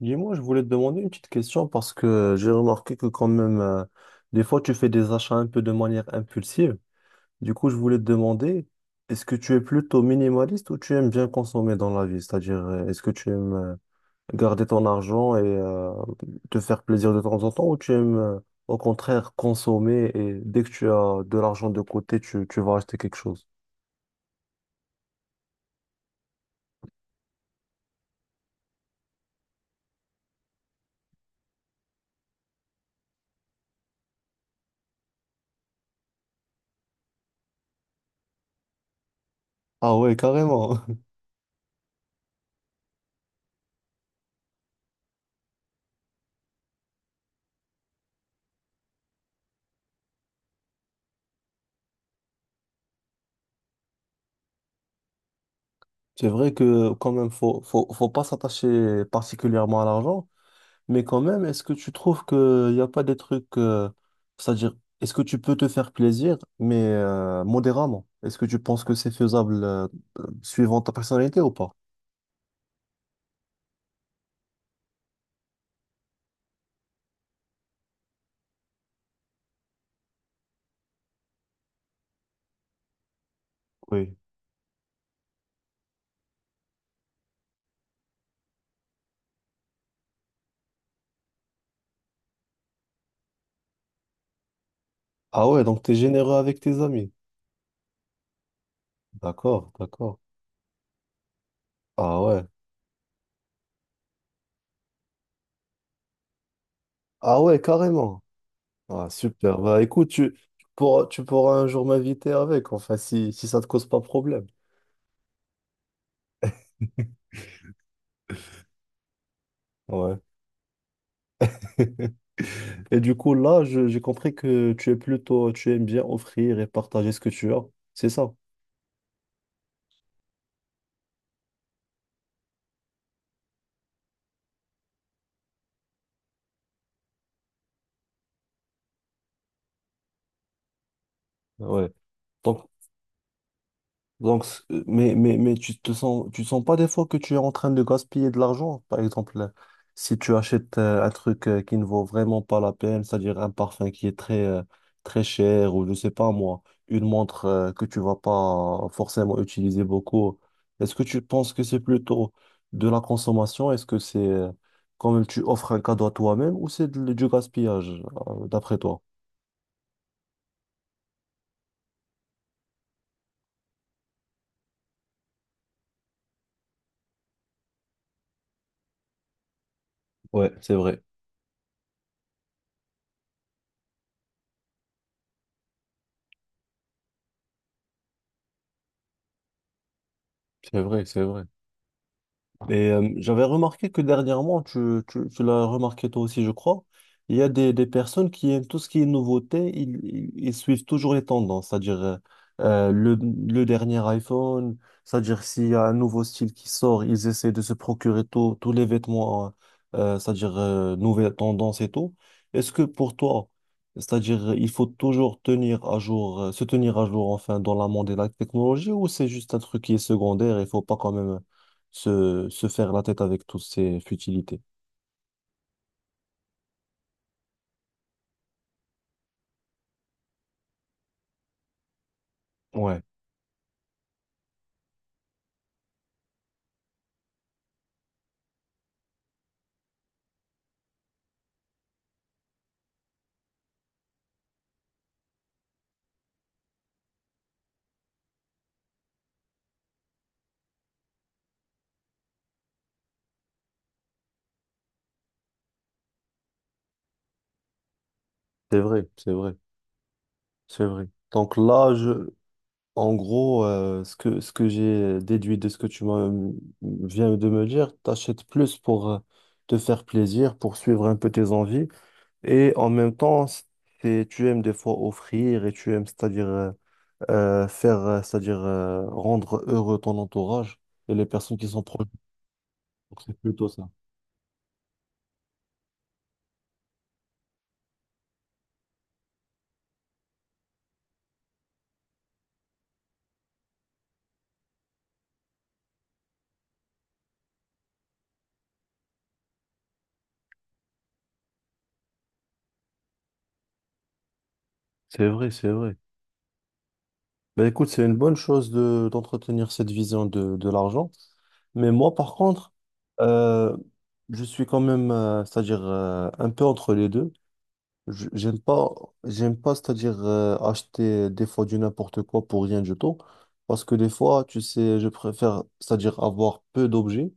Dis-moi, je voulais te demander une petite question parce que j'ai remarqué que quand même, des fois, tu fais des achats un peu de manière impulsive. Du coup, je voulais te demander, est-ce que tu es plutôt minimaliste ou tu aimes bien consommer dans la vie? C'est-à-dire, est-ce que tu aimes garder ton argent et te faire plaisir de temps en temps ou tu aimes au contraire consommer et dès que tu as de l'argent de côté, tu vas acheter quelque chose? Ah ouais, carrément. C'est vrai que quand même, faut pas s'attacher particulièrement à l'argent. Mais quand même, est-ce que tu trouves qu'il n'y a pas des trucs, c'est-à-dire, est-ce que tu peux te faire plaisir, mais modérément? Est-ce que tu penses que c'est faisable suivant ta personnalité ou pas? Oui. Ah ouais, donc t'es généreux avec tes amis. D'accord, d'accord. Ah ouais. Ah ouais, carrément. Ah super. Bah écoute, tu pourras un jour m'inviter avec, enfin, si ça te cause pas problème. Ouais. Et du coup, là, j'ai compris que tu es plutôt, tu aimes bien offrir et partager ce que tu as. C'est ça. Ouais. Donc, mais tu te sens, tu sens pas des fois que tu es en train de gaspiller de l'argent? Par exemple, si tu achètes un truc qui ne vaut vraiment pas la peine, c'est-à-dire un parfum qui est très, très cher, ou je sais pas moi, une montre que tu vas pas forcément utiliser beaucoup, est-ce que tu penses que c'est plutôt de la consommation? Est-ce que c'est quand même tu offres un cadeau à toi-même ou c'est du gaspillage, d'après toi? Ouais, c'est vrai. C'est vrai, c'est vrai. Et j'avais remarqué que dernièrement, tu l'as remarqué toi aussi, je crois, il y a des personnes qui aiment tout ce qui est nouveauté, ils suivent toujours les tendances, c'est-à-dire le dernier iPhone, c'est-à-dire s'il y a un nouveau style qui sort, ils essaient de se procurer tous les vêtements, c'est-à-dire nouvelles tendances et tout. Est-ce que pour toi, c'est-à-dire il faut toujours tenir à jour, se tenir à jour enfin dans la monde de la technologie ou c'est juste un truc qui est secondaire, et il faut pas quand même se faire la tête avec toutes ces futilités. Ouais, c'est vrai, c'est vrai, c'est vrai. Donc là, en gros, ce que j'ai déduit de ce que tu m'as, viens de me dire, t'achètes plus pour te faire plaisir, pour suivre un peu tes envies, et en même temps, c'est, tu aimes des fois offrir et tu aimes, c'est-à-dire faire, c'est-à-dire rendre heureux ton entourage et les personnes qui sont proches. Donc, c'est plutôt ça. C'est vrai, c'est vrai. Ben écoute, c'est une bonne chose de, d'entretenir cette vision de l'argent. Mais moi, par contre, euh, je suis quand même, c'est-à-dire un peu entre les deux. J'aime pas, c'est-à-dire acheter des fois du n'importe quoi pour rien du tout. Parce que des fois, tu sais, je préfère, c'est-à-dire avoir peu d'objets,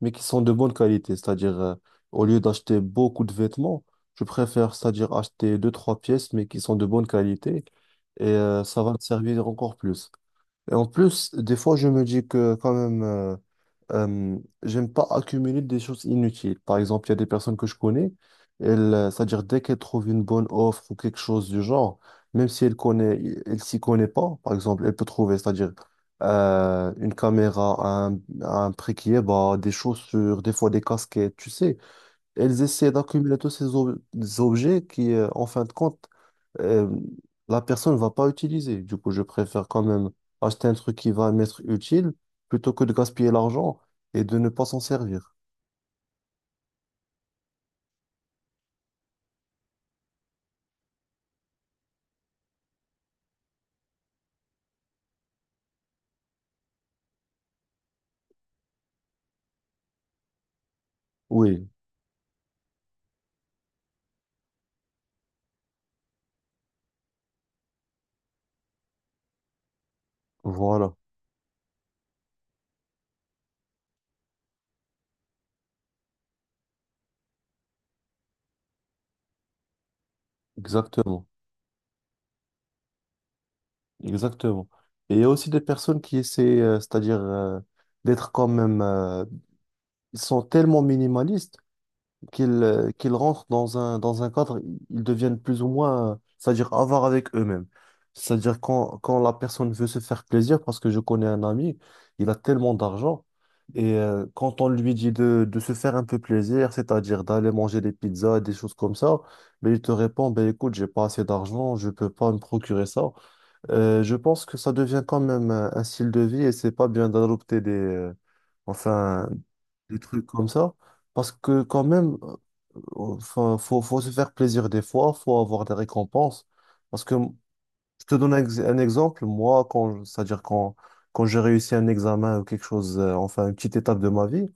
mais qui sont de bonne qualité. C'est-à-dire, au lieu d'acheter beaucoup de vêtements, je préfère, c'est-à-dire acheter deux, trois pièces, mais qui sont de bonne qualité. Et ça va me servir encore plus. Et en plus, des fois, je me dis que quand même, euh, j'aime pas accumuler des choses inutiles. Par exemple, il y a des personnes que je connais, elles, c'est-à-dire dès qu'elles trouvent une bonne offre ou quelque chose du genre, même si elle connaît, elle s'y connaît pas, par exemple, elle peut trouver, c'est-à-dire une caméra à un prix qui est bas, des chaussures, des fois des casquettes, tu sais elles essaient d'accumuler tous ces objets qui, en fin de compte, euh, la personne ne va pas utiliser. Du coup, je préfère quand même acheter un truc qui va m'être utile plutôt que de gaspiller l'argent et de ne pas s'en servir. Oui, voilà, exactement, exactement. Et il y a aussi des personnes qui essaient, c'est-à-dire d'être quand même, ils sont tellement minimalistes qu'ils rentrent dans dans un cadre, ils deviennent plus ou moins, c'est-à-dire avares avec eux-mêmes. C'est-à-dire quand la personne veut se faire plaisir, parce que je connais un ami, il a tellement d'argent, et quand on lui dit de se faire un peu plaisir, c'est-à-dire d'aller manger des pizzas, des choses comme ça, mais il te répond, ben écoute, j'ai pas assez d'argent, je peux pas me procurer ça. Je pense que ça devient quand même un style de vie et c'est pas bien d'adopter des... Enfin, des trucs comme ça. Parce que quand même, enfin, faut se faire plaisir des fois, faut avoir des récompenses. Parce que je te donne un, un exemple, moi, quand j'ai réussi un examen ou quelque chose, enfin une petite étape de ma vie,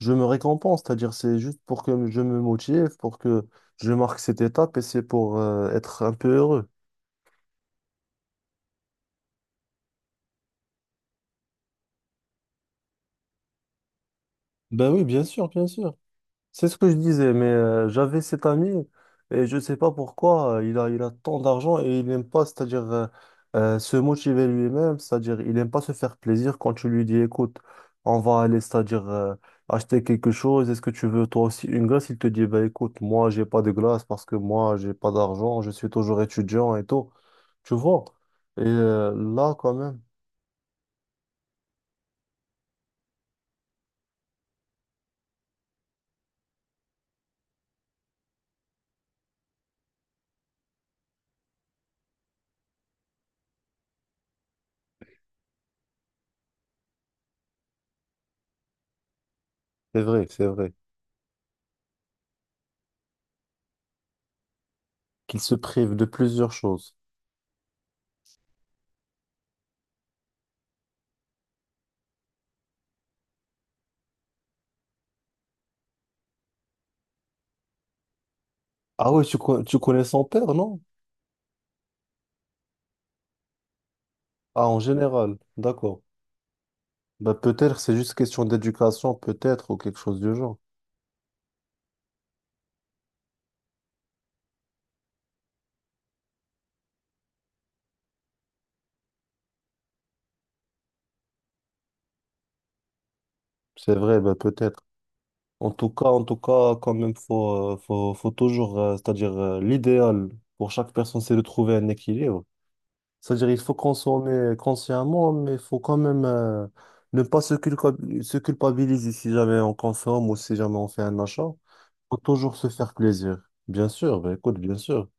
je me récompense. C'est-à-dire c'est juste pour que je me motive, pour que je marque cette étape et c'est pour être un peu heureux. Ben oui, bien sûr, bien sûr. C'est ce que je disais, mais j'avais cet ami et je ne sais pas pourquoi il a tant d'argent et il n'aime pas, c'est-à-dire se motiver lui-même, c'est-à-dire il n'aime pas se faire plaisir quand tu lui dis, écoute, on va aller, c'est-à-dire acheter quelque chose, est-ce que tu veux toi aussi une glace? Il te dit, bah écoute, moi j'ai pas de glace parce que moi j'ai pas d'argent, je suis toujours étudiant et tout, tu vois. Et là quand même, c'est vrai qu'il se prive de plusieurs choses. Ah oui, tu connais son père, non? Ah, en général, d'accord. Bah, peut-être c'est juste question d'éducation, peut-être, ou quelque chose du genre. C'est vrai, bah, peut-être. En tout cas, quand même, faut toujours, c'est-à-dire, l'idéal pour chaque personne, c'est de trouver un équilibre. C'est-à-dire, il faut consommer consciemment, mais il faut quand même, ne pas se se culpabiliser si jamais on consomme ou si jamais on fait un achat. Faut toujours se faire plaisir. Bien sûr, bah, écoute, bien sûr.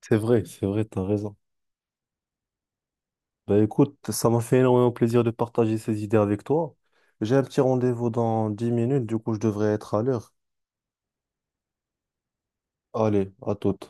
C'est vrai, t'as raison. Bah écoute, ça m'a fait énormément plaisir de partager ces idées avec toi. J'ai un petit rendez-vous dans 10 minutes, du coup je devrais être à l'heure. Allez, à toute.